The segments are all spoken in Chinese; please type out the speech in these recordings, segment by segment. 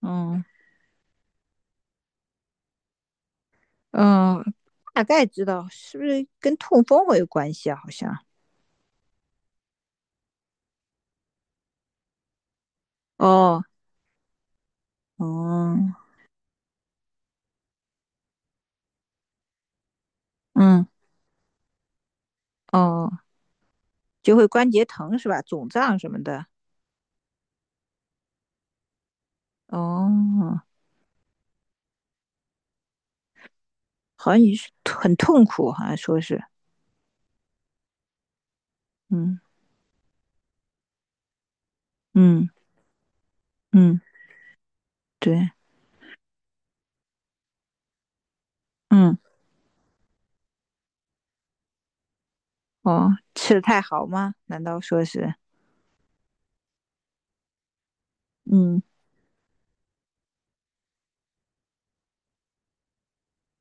嗯，嗯，大概知道是不是跟痛风会有关系啊？好像。哦，哦，嗯，哦，就会关节疼是吧？肿胀什么的。哦，好像也是很痛苦，好像说是。嗯，嗯嗯，对。嗯，哦，吃的太好吗？难道说是。嗯，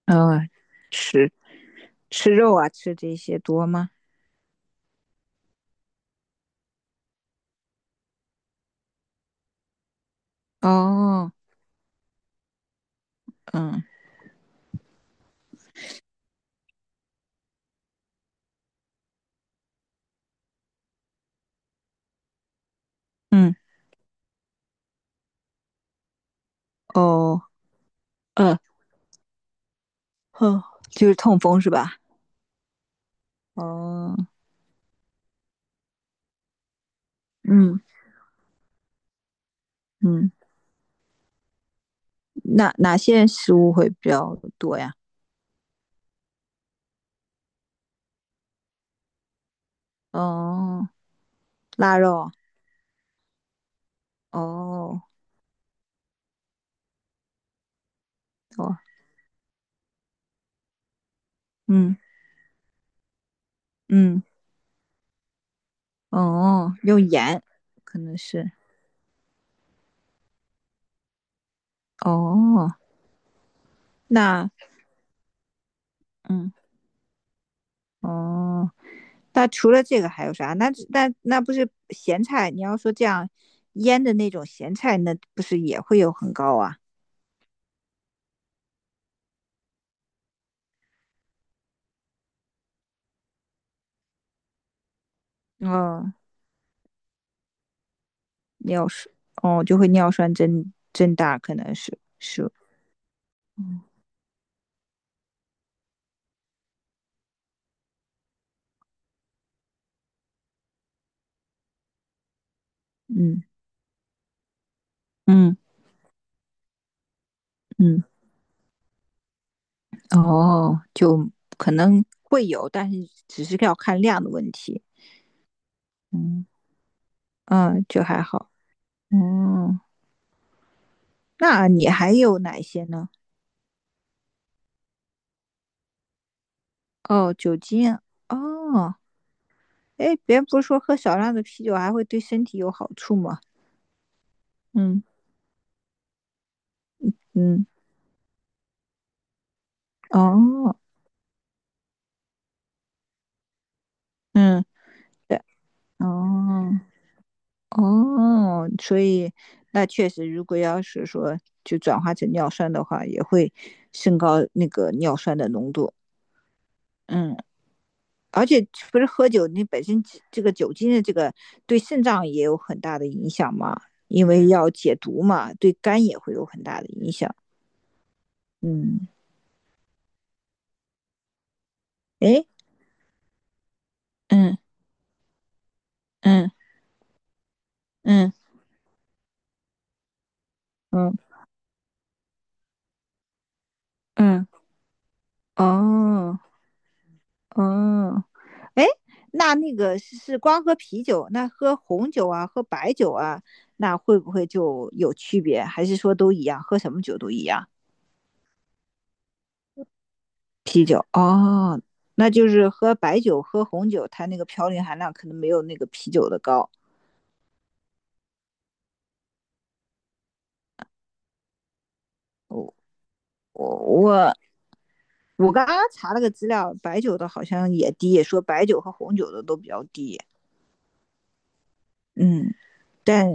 呃，吃吃肉啊，吃这些多吗？哦，嗯嗯，哦，呃，哦，就是痛风是吧？哦，嗯嗯，哪些食物会比较多呀？哦，腊肉。哦哦，嗯嗯，哦，用盐可能是。哦，那嗯哦，那除了这个还有啥？那不是咸菜？你要说这样腌的那种咸菜，那不是也会有很高啊？哦，尿酸。哦，就会尿酸增大，可能是，嗯嗯嗯。嗯哦，就可能会有，但是只是要看量的问题。嗯嗯，就还好。哦，那你还有哪些呢？哦，酒精。哦，哎，别人不是说喝少量的啤酒还会对身体有好处吗？嗯嗯，哦，嗯，对，哦哦，所以那确实，如果要是说就转化成尿酸的话，也会升高那个尿酸的浓度。嗯。而且不是喝酒，你本身这个酒精的这个对肾脏也有很大的影响嘛，因为要解毒嘛，对肝也会有很大的影响。嗯，哎，嗯嗯嗯嗯嗯，哦哦，哎，那那个是光喝啤酒，那喝红酒啊，喝白酒啊，那会不会就有区别？还是说都一样，喝什么酒都一样？啤酒哦，那就是喝白酒、喝红酒，它那个嘌呤含量可能没有那个啤酒的高。我我我刚刚查了个资料，白酒的好像也低，也说白酒和红酒的都比较低。嗯，但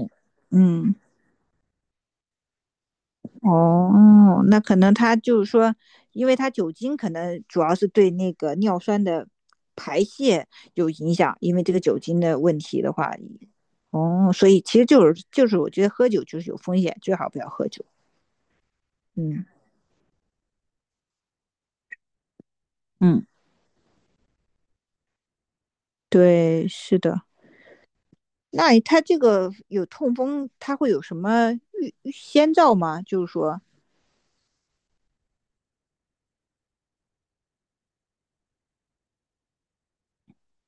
嗯哦，那可能它就是说，因为它酒精可能主要是对那个尿酸的排泄有影响，因为这个酒精的问题的话。哦，所以其实就是我觉得喝酒就是有风险，最好不要喝酒。嗯。嗯，对，是的。那他这个有痛风，他会有什么先兆吗？就是说。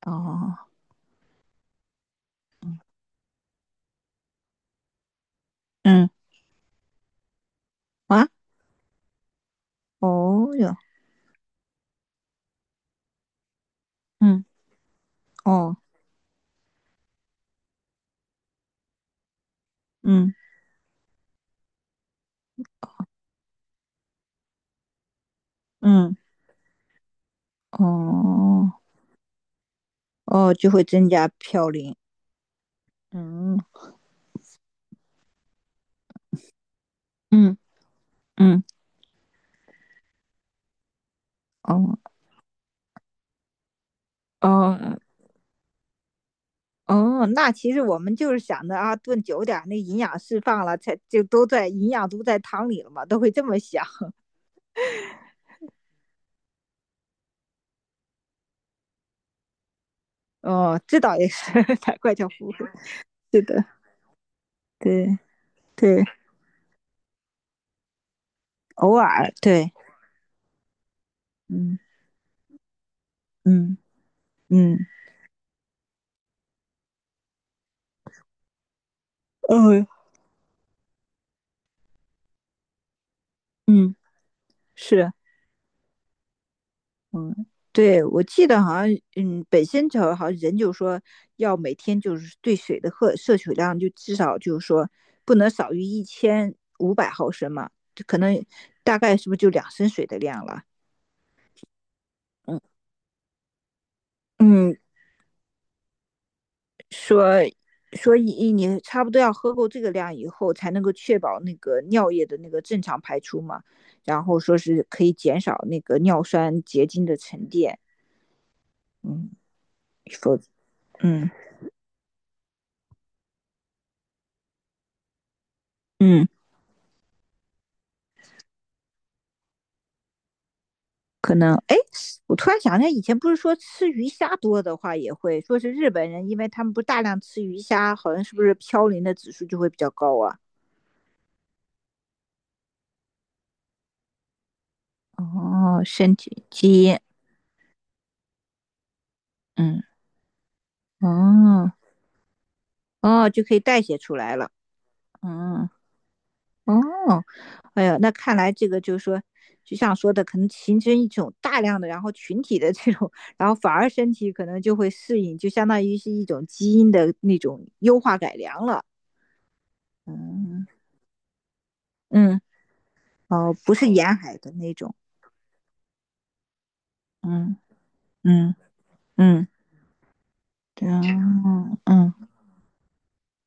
哦，嗯，啊，哦哟，嗯，哦，嗯，嗯，哦，哦，就会增加嘌呤。嗯嗯嗯，哦哦哦，那其实我们就是想着啊，炖久点儿那营养释放了，才就都在营养都在汤里了嘛，都会这么想。哦，这倒也是，难怪叫糊糊。是的，对对。偶尔对，嗯嗯嗯，嗯嗯是，嗯，对我记得好像。嗯，北仙桥好像人就说要每天就是对水的喝摄取量就至少就是说不能少于1500毫升嘛，就可能大概是不是就2升水的量了？嗯嗯，说所以你差不多要喝够这个量以后，才能够确保那个尿液的那个正常排出嘛。然后说是可以减少那个尿酸结晶的沉淀。嗯，否则嗯嗯，可能哎，我突然想起来，以前不是说吃鱼虾多的话也会说是日本人，因为他们不大量吃鱼虾，好像是不是嘌呤的指数就会比较高啊？哦，身体基因。嗯，哦哦，就可以代谢出来了。嗯。哦，哎呀，那看来这个就是说，就像说的，可能形成一种大量的，然后群体的这种，然后反而身体可能就会适应，就相当于是一种基因的那种优化改良了。嗯嗯，哦，不是沿海的那种。嗯嗯嗯，对啊，嗯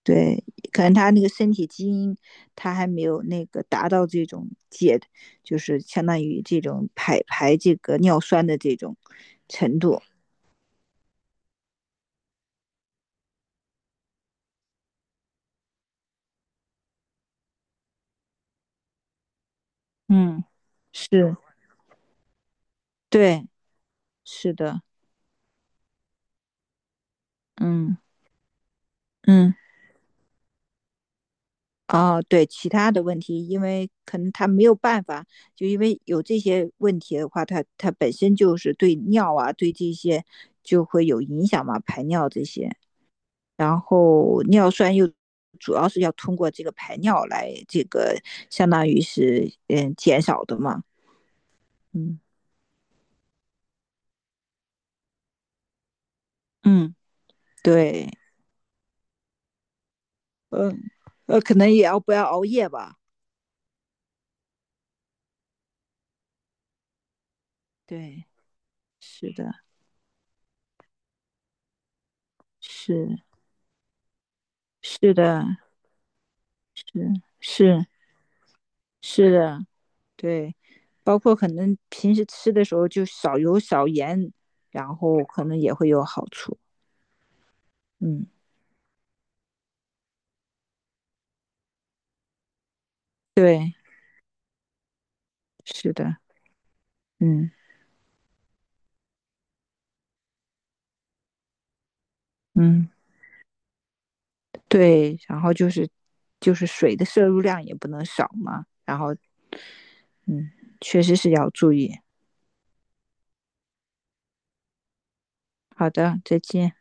对，可能他那个身体基因，他还没有那个达到这种解，就是相当于这种排这个尿酸的这种程度。嗯，是，对，是的，嗯嗯，哦，对，其他的问题，因为可能他没有办法，就因为有这些问题的话，他本身就是对尿啊，对这些就会有影响嘛，排尿这些，然后尿酸又主要是要通过这个排尿来这个相当于是嗯减少的嘛。嗯嗯，对，嗯，可能也要不要熬夜吧。对，是的，是。是的，是是是的，对，包括可能平时吃的时候就少油少盐，然后可能也会有好处。嗯，对，是的，嗯嗯，对，然后就是水的摄入量也不能少嘛，然后嗯，确实是要注意。好的，再见。